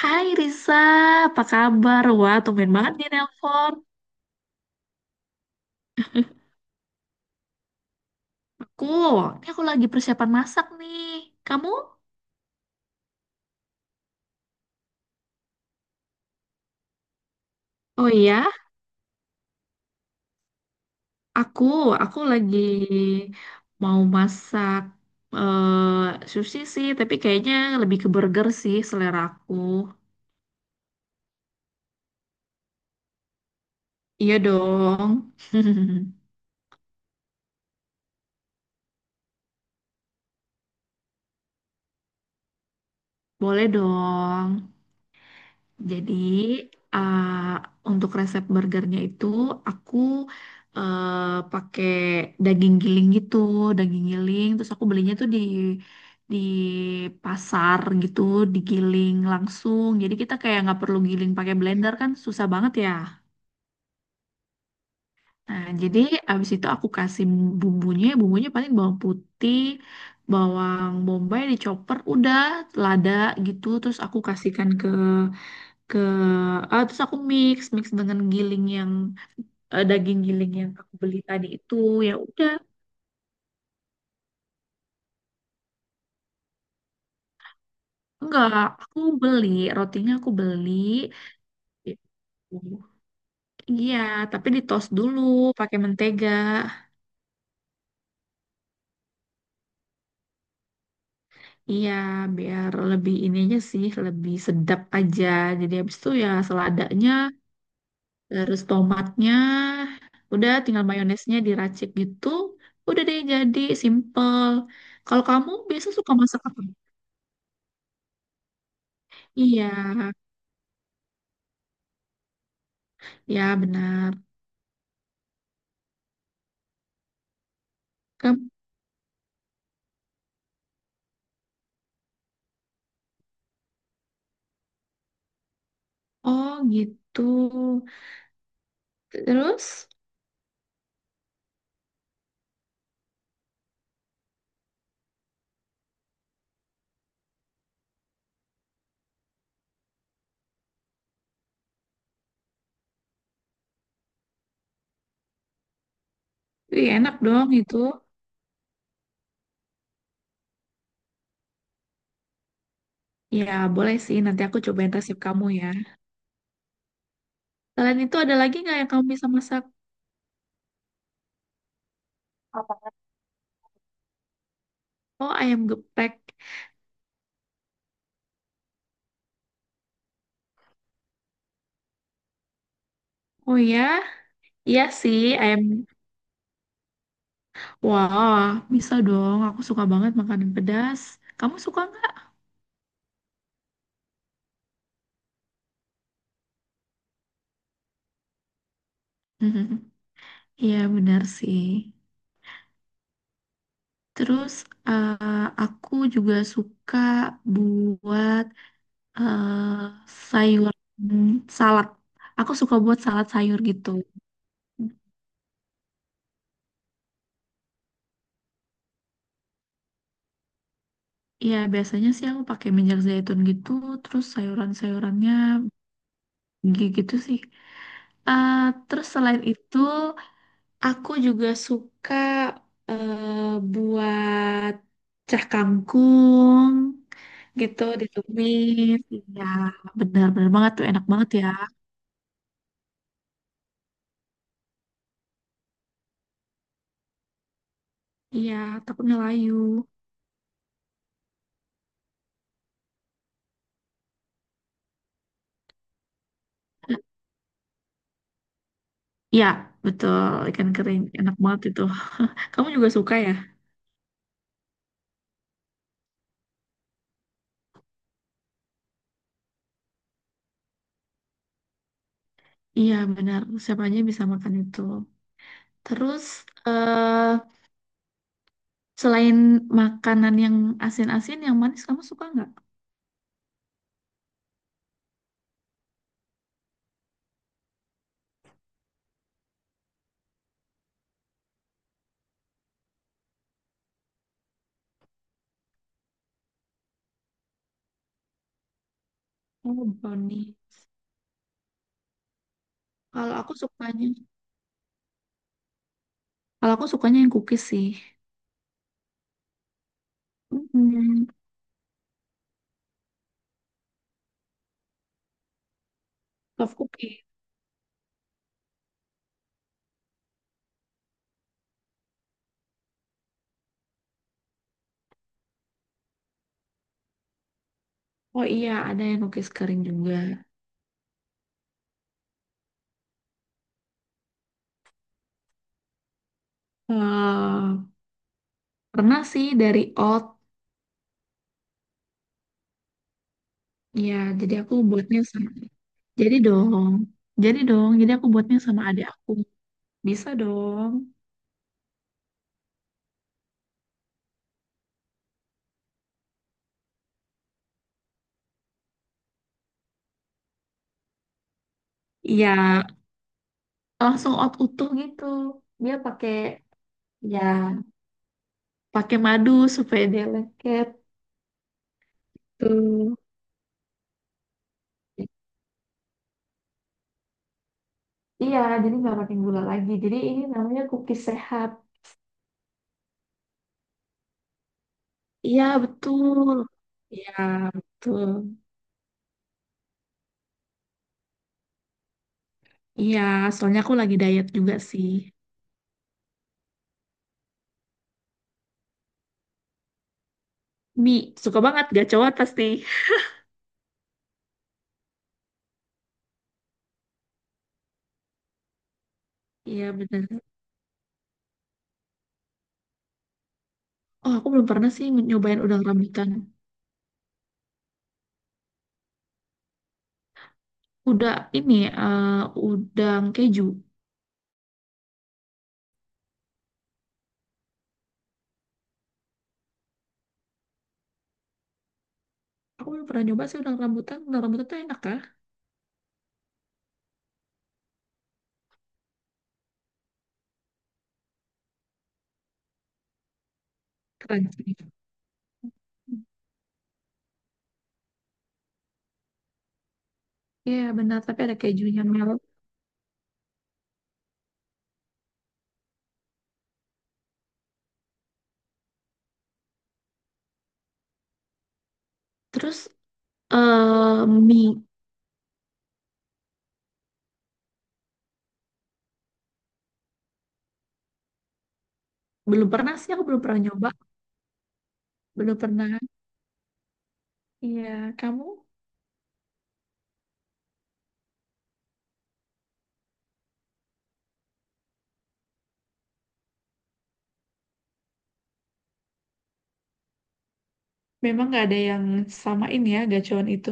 Hai Risa, apa kabar? Wah, tumben banget nih nelpon. Aku, ini aku lagi persiapan masak nih. Kamu? Oh iya, aku, aku lagi mau masak eh sushi sih, tapi kayaknya lebih ke burger sih selera aku. Iya dong. Boleh dong. Jadi uh, untuk resep burgernya itu aku pakai daging giling gitu, daging giling. Terus aku belinya tuh di pasar gitu, digiling langsung. Jadi kita kayak nggak perlu giling pakai blender kan susah banget ya. Nah, jadi abis itu aku kasih bumbunya, bumbunya paling bawang putih, bawang bombay dicoper, udah lada gitu. Terus aku kasihkan ke terus aku mix mix dengan giling yang daging giling yang aku beli tadi itu ya udah. Enggak, aku beli rotinya, aku beli gitu. Iya, tapi di toast dulu pakai mentega. Iya, biar lebih ini aja sih, lebih sedap aja. Jadi habis itu ya seladanya, terus tomatnya, udah tinggal mayonesnya diracik gitu, udah deh jadi simple. Kalau kamu biasa suka masak apa? Iya, ya, benar. Ke oh gitu. Terus, wih, enak dong itu. Ya, boleh sih. Nanti aku cobain resep kamu ya. Selain itu ada lagi nggak yang kamu bisa masak? Apa? Oh, ayam geprek. Oh ya, iya sih ayam. Wah, bisa dong. Aku suka banget makanan pedas. Kamu suka nggak? Iya, benar sih. Terus aku juga suka buat eh sayur salad. Aku suka buat salad sayur gitu. Ya biasanya sih aku pakai minyak zaitun gitu, terus sayuran-sayurannya gitu sih. Eh, Terus selain itu, aku juga suka eh, buat cah kangkung gitu ditumis. Iya, benar-benar banget tuh, enak banget ya. Iya, takut ngelayu. Iya, betul. Ikan kering. Enak banget itu. Kamu juga suka ya? Iya, benar. Siapa aja bisa makan itu. Terus, eh selain makanan yang asin-asin, yang manis kamu suka nggak? Oh, brownie. Kalau aku sukanya, kalau aku sukanya yang cookies sih. Hmm, soft cookies. Oh iya, ada yang cookies kering juga. eh Pernah sih dari oat. Ya, jadi aku buatnya sama. Jadi dong. Jadi dong, jadi aku buatnya sama adik aku. Bisa dong. Iya, langsung out utuh gitu. Dia pakai ya pakai madu supaya dia lengket tuh. Iya, jadi nggak pakai gula lagi. Jadi ini namanya cookies sehat. Iya, betul. Iya, betul. Iya, soalnya aku lagi diet juga sih. Mie, suka banget gacor pasti. Iya, bener. Oh, aku belum pernah sih nyobain udang rambutan. Udah ini, eh, udang keju. Aku belum pernah nyoba sih udang rambutan. Udang rambutan tuh enak kan? Keren sih. Iya benar, tapi ada kejunya Mel. Terus mie, belum pernah sih, aku belum pernah nyoba, belum pernah. Iya, kamu memang nggak ada yang samain ya gacuan itu.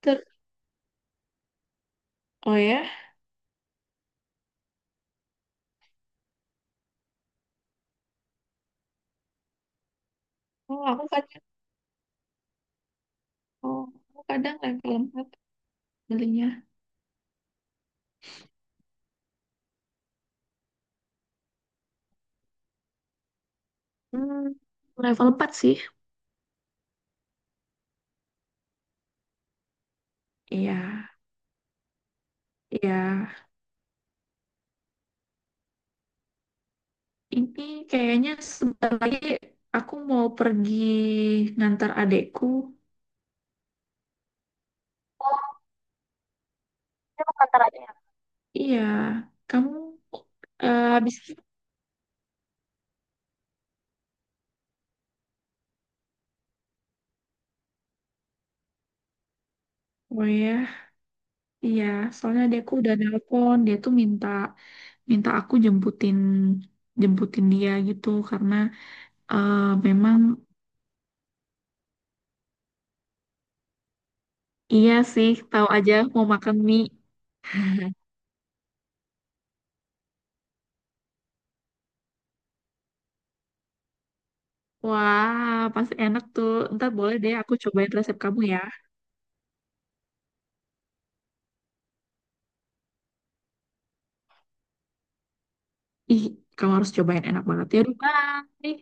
Ter oh ya, oh aku kadang, oh aku kadang level 4 belinya. Hmm, level 4 sih. Iya, iya. Ini kayaknya sebentar lagi aku mau pergi ngantar adekku. Oh, ini mau ngantar. Iya, kamu eh, habis oh ya. Iya, soalnya dia aku udah nelpon, dia tuh minta minta aku jemputin jemputin dia gitu karena eh, memang iya sih, tahu aja mau makan mie. Wah, pasti enak tuh. Ntar boleh deh aku cobain resep kamu ya. Ih, kamu harus cobain enak banget ya. Aduh, Bye.